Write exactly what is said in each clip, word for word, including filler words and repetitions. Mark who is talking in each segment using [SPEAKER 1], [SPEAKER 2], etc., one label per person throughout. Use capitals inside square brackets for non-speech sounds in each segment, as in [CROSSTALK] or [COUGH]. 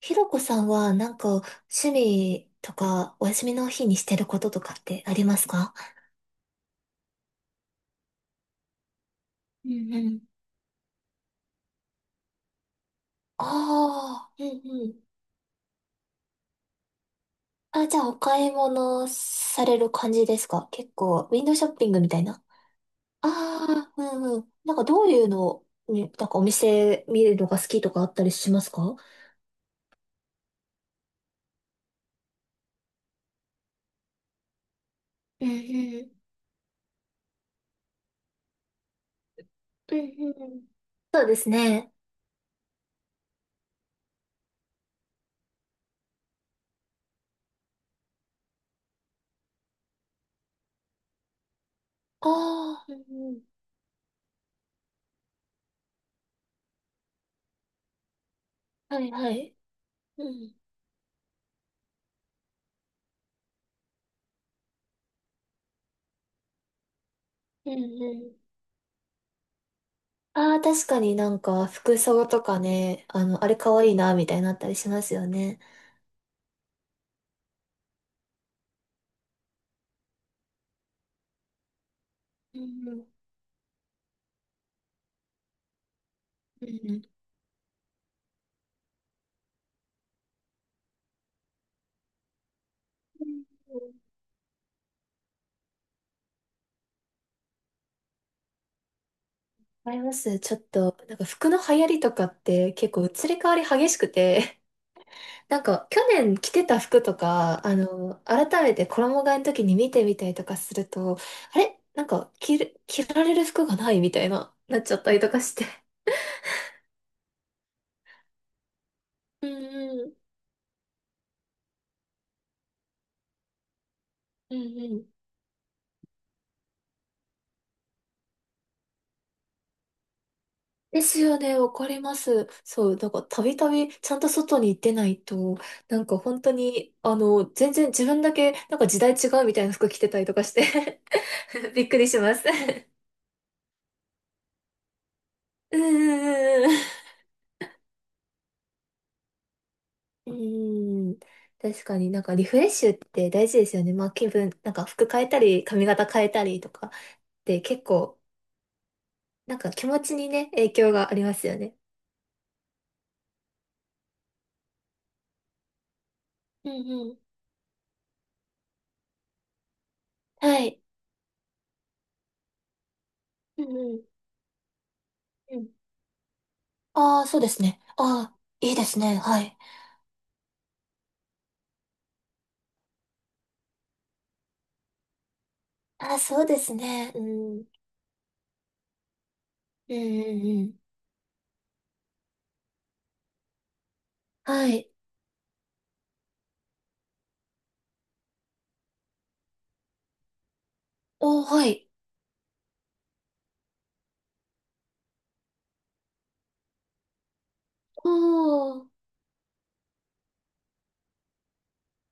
[SPEAKER 1] ひろこさんはなんか趣味とかお休みの日にしてることとかってありますか？うんうん。ああ、うんうん。あ、じゃあお買い物される感じですか？結構、ウィンドウショッピングみたいな。ああ、うんうん。なんかどういうのに、なんかお店見るのが好きとかあったりしますか？うんうん。うんうん。そうですね。ああ、うんうん。はいはい。うん、うんうん。ああ、確かになんか服装とかね、あの、あれ可愛いな、みたいになったりしますよね。うんうんうん。あります。ちょっと、なんか服の流行りとかって結構移り変わり激しくて、[LAUGHS] なんか去年着てた服とか、あの、改めて衣替えの時に見てみたりとかすると、あれなんか着る、着られる服がないみたいな、なっちゃったりとかして。うんうん。うんうん。ですよね、わかります。そう、なんかたびたびちゃんと外に出ないと、なんか本当に、あの、全然自分だけ、なんか時代違うみたいな服着てたりとかして、 [LAUGHS] びっくりします。[LAUGHS] うんうんうんうん。[LAUGHS] うーん、確かになんかリフレッシュって大事ですよね。まあ気分、なんか服変えたり、髪型変えたりとかで結構、なんか気持ちにね、影響がありますよね。うんうん。はい。うんうん。うん。ああ、そうですね。ああ、いいですね。はい。あ、そうですね。うん。うんうんうん。はい。おー、はい。おー。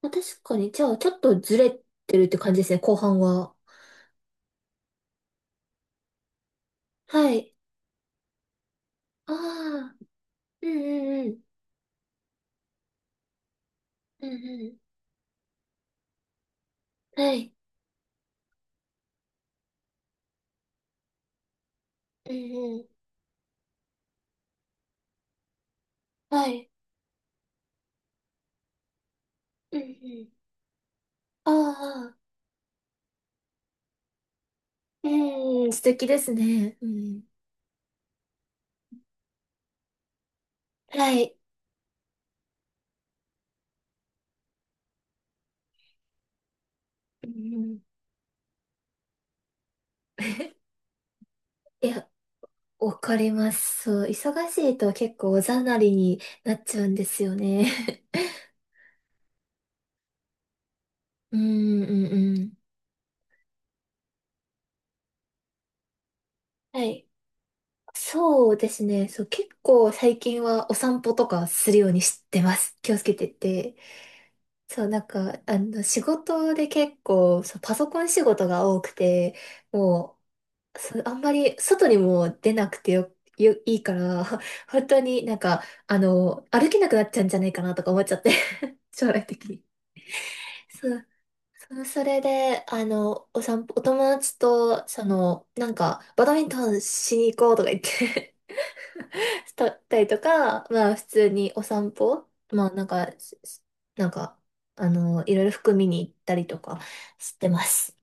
[SPEAKER 1] まあ確かに、じゃあ、ちょっとずれてるって感じですね、後半は。はい。ああ。うんうんうん。うんうん。はい。うんうん。はい。うんうん。ああ。うんうん。素敵ですね。うん。はい。うんうん。[LAUGHS] いや、わかります。そう、忙しいと結構おざなりになっちゃうんですよね。[LAUGHS] うんうんうん。はい。そうですね。そう、結構最近はお散歩とかするようにしてます。気をつけてて。そう、なんか、あの、仕事で結構、そう、パソコン仕事が多くて、もう、そう、あんまり外にも出なくてよ、よ、いいから、[LAUGHS] 本当になんか、あの、歩けなくなっちゃうんじゃないかなとか思っちゃって、[LAUGHS] 将来的に。そう。そそれで、あの、お散歩、お友達と、その、なんか、バドミントンしに行こうとか言ってしたったりとか、まあ普通にお散歩、まあなんか、ししなんか、あの、いろいろ服見に行ったりとかしてます。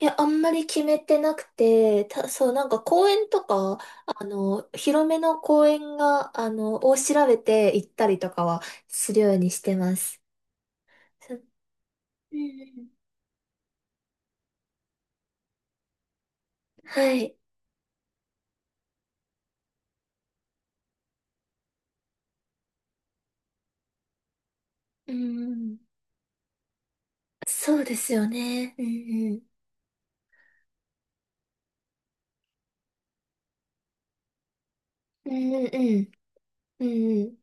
[SPEAKER 1] いや、あんまり決めてなくて、た、そう、なんか公園とか、あの、広めの公園が、あの、を調べて行ったりとかはするようにしてます。そう。ん。うん。はい。うんうん。そうですよね。うんうん。うんうんうん。うんうん。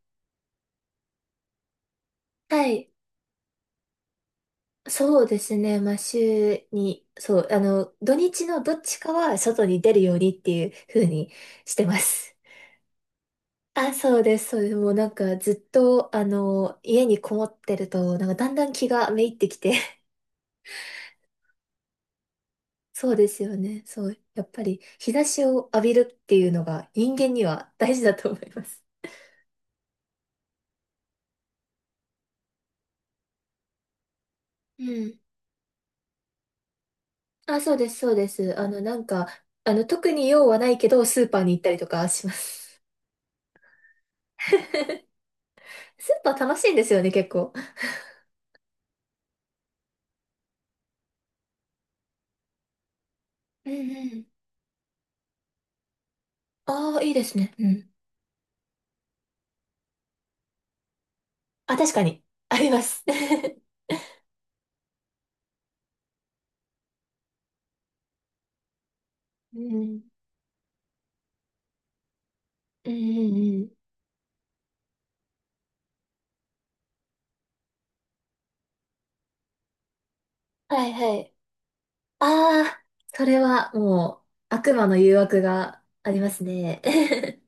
[SPEAKER 1] はい。そうですね。まあ、週に、そう、あの、土日のどっちかは外に出るようにっていう風にしてます。あ、そうです。そうです。もうなんかずっと、あの、家にこもってると、なんかだんだん気がめいってきて。[LAUGHS] そうですよね。そう。やっぱり日差しを浴びるっていうのが人間には大事だと思います。うん。あ、そうです、そうです。あの、なんか、あの、特に用はないけど、スーパーに行ったりとかします。[LAUGHS] スーパー楽しいんですよね、結構。うんうん。ああ、いいですね。うん。あ、確かに。あります。[LAUGHS] うん。うんうんうん。はいはい。ああ、それはもう悪魔の誘惑がありますね。[LAUGHS]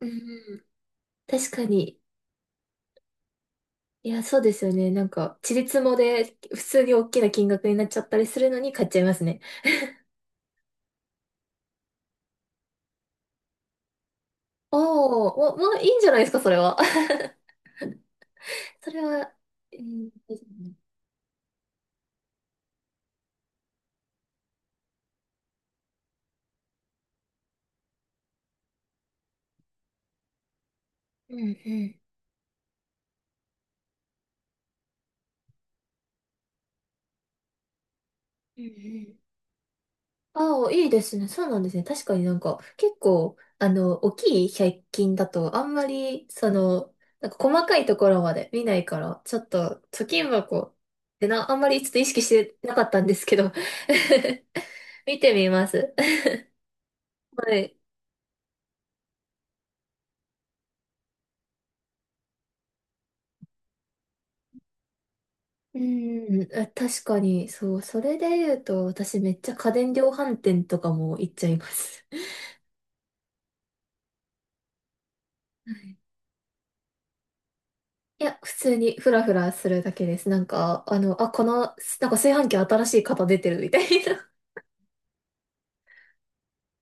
[SPEAKER 1] うん、確かに。いや、そうですよね。なんか、ちりつもで普通に大きな金額になっちゃったりするのに買っちゃいますね。おお、もう、もういいんじゃないですか、それは。[LAUGHS] それは、うん、いいですね。うん、うん、うん、うん。ああ、いいですね。そうなんですね。確かになんか、結構、あの、大きい百均だと、あんまり、その、なんか細かいところまで見ないから、ちょっと、貯金箱ってな、あんまりちょっと意識してなかったんですけど、 [LAUGHS] 見てみます。[LAUGHS] はい。うーん、あ確かに、そう、それで言うと、私めっちゃ家電量販店とかも行っちゃいます。[LAUGHS] はい。いや、普通にフラフラするだけです。なんか、あの、あ、この、なんか炊飯器新しい型出てるみたいな。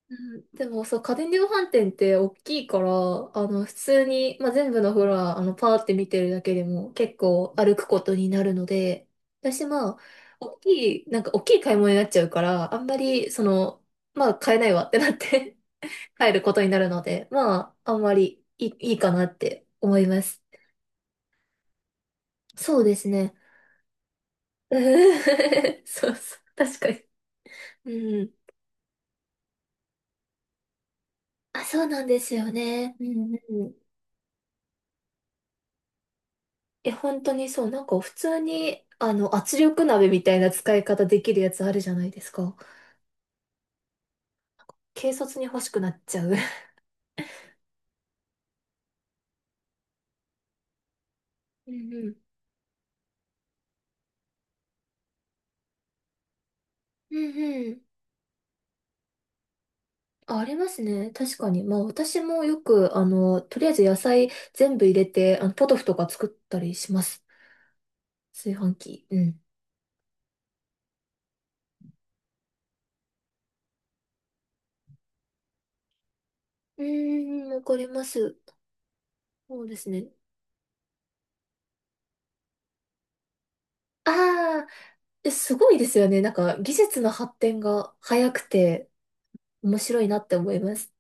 [SPEAKER 1] うん。でもさ、家電量販店って大きいから、あの、普通に、まあ、全部のフロア、あの、パーって見てるだけでも結構歩くことになるので、私、まあ、大きい、なんか大きい買い物になっちゃうから、あんまり、その、まあ、買えないわってなって、 [LAUGHS] 帰ることになるので、まあ、あんまりいい、いいかなって思います。そうですね。[LAUGHS] そうそう、確かに。うん。あ、そうなんですよね。うんうん。え、本当にそう、なんか普通に、あの、圧力鍋みたいな使い方できるやつあるじゃないですか。軽率に欲しくなっちゃう。うんうん。うんうん。あ、ありますね。確かに。まあ私もよく、あの、とりあえず野菜全部入れて、あの、ポトフとか作ったりします。炊飯器。うん。うーん、わかります。そうですね。ああ、え、すごいですよね。なんか技術の発展が早くて面白いなって思います。